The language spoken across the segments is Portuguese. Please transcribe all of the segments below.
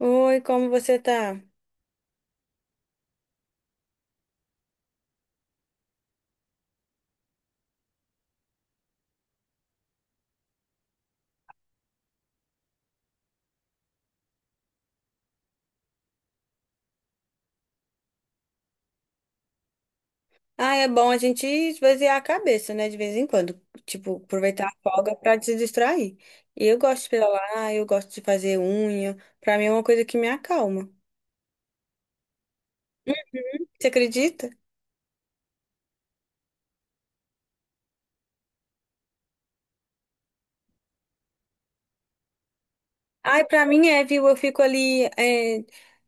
Oi, como você tá? Ah, é bom a gente esvaziar a cabeça, né, de vez em quando. Tipo, aproveitar a folga pra se distrair. E eu gosto de pedalar, eu gosto de fazer unha. Pra mim é uma coisa que me acalma. Você acredita? Ai, pra mim é, viu? Eu fico ali. é,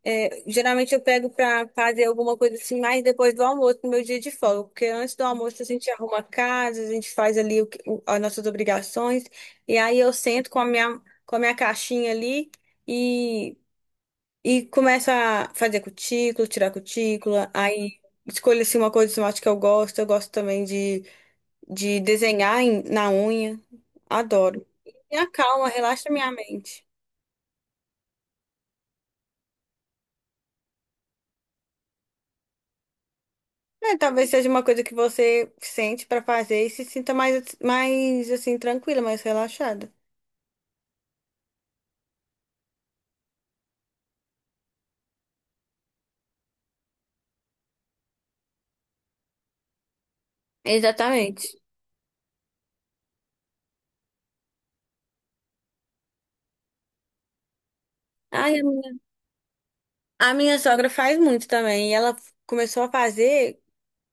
é, Geralmente eu pego pra fazer alguma coisa assim, mais depois do almoço, no meu dia de folga. Porque antes do almoço a gente arruma a casa, a gente faz ali as nossas obrigações. E aí eu sento com a minha caixinha ali. E E começa a fazer cutícula, tirar cutícula, aí escolho assim uma cor de esmalte que eu gosto. Eu gosto também de desenhar na unha. Adoro. Me acalma, relaxa minha mente. É, talvez seja uma coisa que você sente pra fazer e se sinta mais, mais assim, tranquila, mais relaxada. Exatamente. Ai, a minha sogra faz muito também. E ela começou a fazer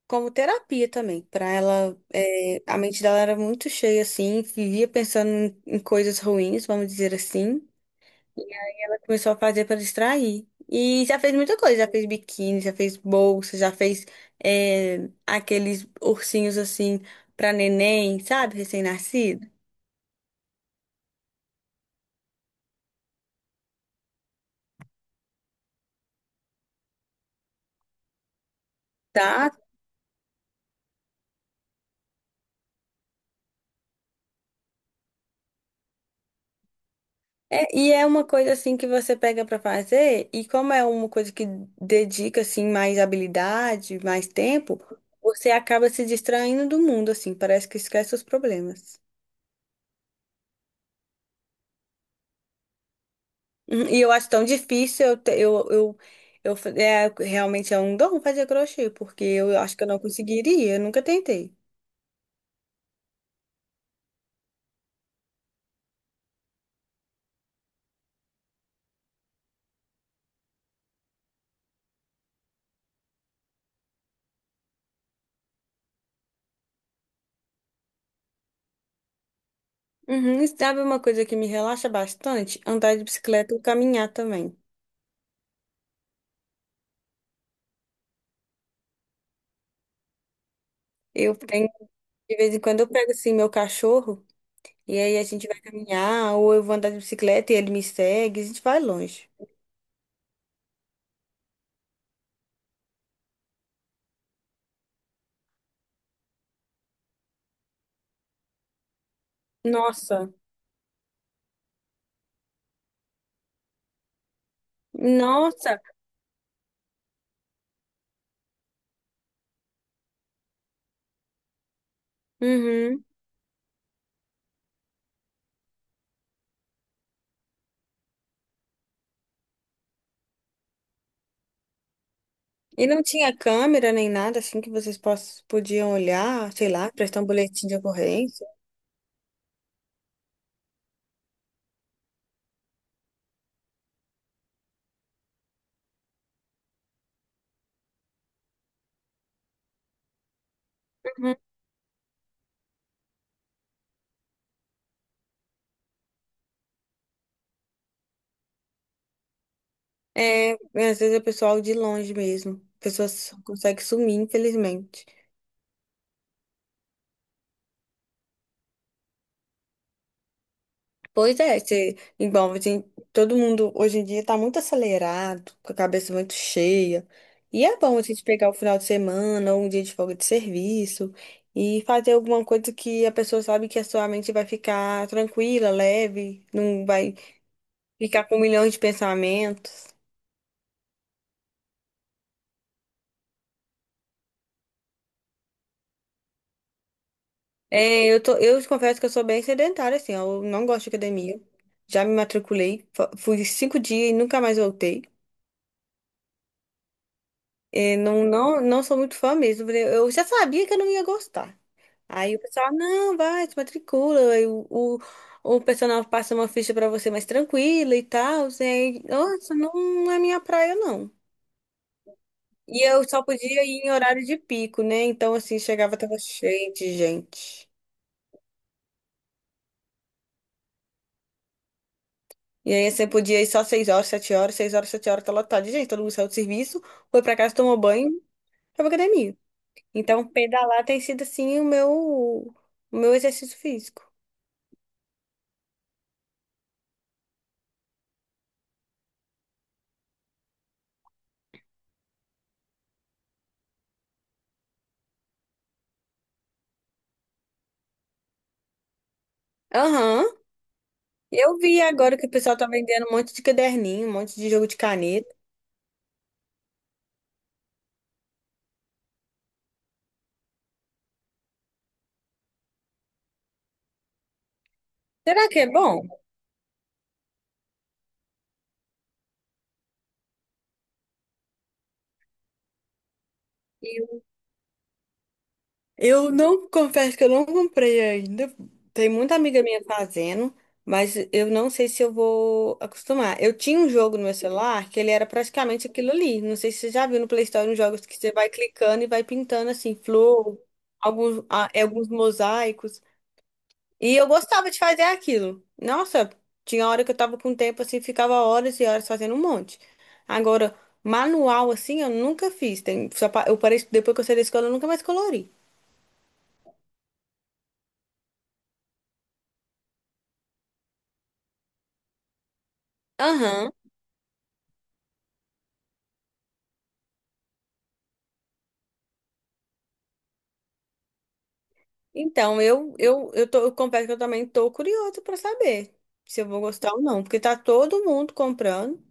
como terapia também, para ela. A mente dela era muito cheia assim, vivia pensando em coisas ruins, vamos dizer assim, e ela começou a fazer para distrair. E já fez muita coisa, já fez biquíni, já fez bolsa, já fez aqueles ursinhos assim para neném, sabe, recém-nascido. Tá. É, e é uma coisa assim que você pega pra fazer, e como é uma coisa que dedica assim mais habilidade, mais tempo, você acaba se distraindo do mundo assim, parece que esquece os problemas. Uhum. E eu acho tão difícil, eu, te- eu fa- é, realmente é um dom fazer crochê, porque eu acho que eu não conseguiria, eu nunca tentei. Uhum. E sabe uma coisa que me relaxa bastante? Andar de bicicleta ou caminhar também. Eu tenho, de vez em quando eu pego assim meu cachorro, e aí a gente vai caminhar, ou eu vou andar de bicicleta e ele me segue, a gente vai longe. Nossa, nossa, uhum. E não tinha câmera nem nada assim que vocês podiam olhar, sei lá, prestar um boletim de ocorrência. Uhum. É, às vezes é pessoal de longe mesmo. Pessoas conseguem sumir, infelizmente. Pois é, você, igual, assim, todo mundo hoje em dia tá muito acelerado, com a cabeça muito cheia. E é bom a gente pegar o final de semana ou um dia de folga de serviço e fazer alguma coisa que a pessoa sabe que a sua mente vai ficar tranquila, leve, não vai ficar com milhões de pensamentos. É, eu te confesso que eu sou bem sedentária, assim, ó, eu não gosto de academia. Já me matriculei, fui 5 dias e nunca mais voltei. É, não, não, não sou muito fã mesmo. Porque eu já sabia que eu não ia gostar. Aí o pessoal, não, vai, te matricula. Aí o personal passa uma ficha pra você mais tranquila e tal. E aí, nossa, não é minha praia, não. E eu só podia ir em horário de pico, né? Então, assim, chegava, tava cheio de gente. E aí você podia ir só 6 horas, 7 horas, 6 horas, 7 horas, tá lotado de gente. Todo mundo saiu do serviço, foi pra casa, tomou banho, foi pra academia. Então, pedalar tem sido, assim, o meu exercício físico. Aham. Eu vi agora que o pessoal tá vendendo um monte de caderninho, um monte de jogo de caneta. Será que é bom? Eu Eu não confesso que eu não comprei ainda. Tem muita amiga minha fazendo, mas eu não sei se eu vou acostumar. Eu tinha um jogo no meu celular que ele era praticamente aquilo ali. Não sei se você já viu no Play Store uns jogos que você vai clicando e vai pintando assim, flor, alguns mosaicos. E eu gostava de fazer aquilo. Nossa, tinha hora que eu tava com tempo assim, ficava horas e horas fazendo um monte. Agora, manual assim, eu nunca fiz. Eu parei, depois que eu saí da escola, eu nunca mais colori. Aham. Então, eu confesso que eu também tô curiosa pra saber se eu vou gostar ou não, porque tá todo mundo comprando.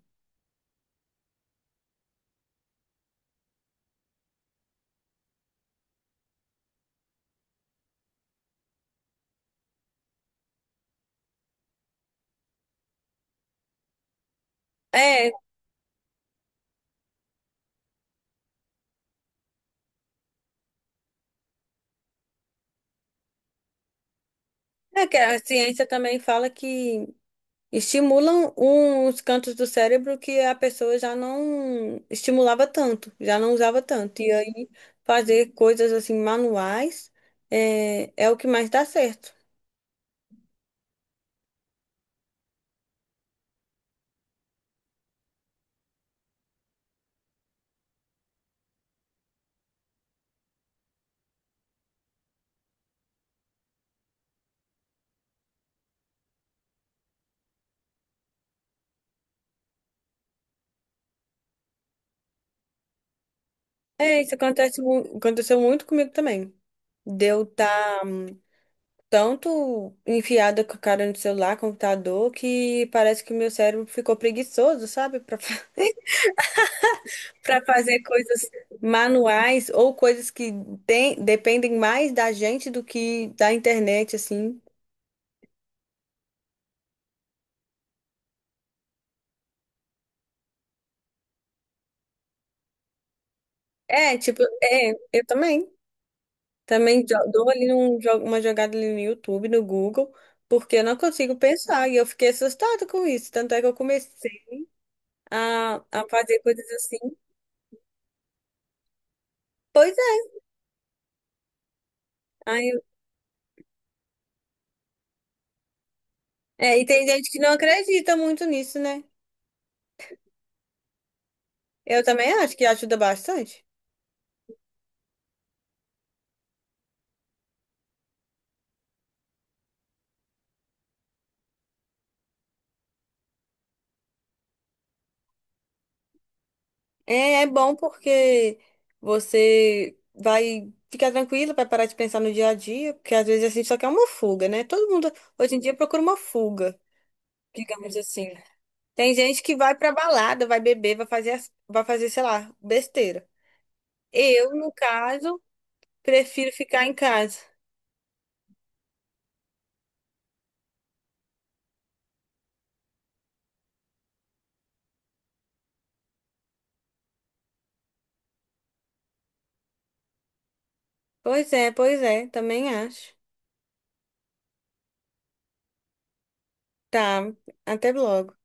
É, é que a ciência também fala que estimulam uns cantos do cérebro que a pessoa já não estimulava tanto, já não usava tanto. E aí, fazer coisas assim manuais é o que mais dá certo. É, isso acontece, aconteceu muito comigo também. Deu tá tanto enfiada com a cara no celular, computador, que parece que o meu cérebro ficou preguiçoso, sabe? Pra para fazer coisas manuais ou coisas que dependem mais da gente do que da internet, assim. É, tipo, eu também. Também dou ali uma jogada ali no YouTube, no Google, porque eu não consigo pensar. E eu fiquei assustada com isso. Tanto é que eu comecei a fazer coisas assim. Pois é. Aí eu- E tem gente que não acredita muito nisso, né? Eu também acho que ajuda bastante. É bom porque você vai ficar tranquilo, vai parar de pensar no dia a dia, porque às vezes a gente só quer uma fuga, né? Todo mundo hoje em dia procura uma fuga, digamos assim. Tem gente que vai pra balada, vai beber, vai fazer, sei lá, besteira. Eu, no caso, prefiro ficar em casa. Pois é, também acho. Tá, até logo.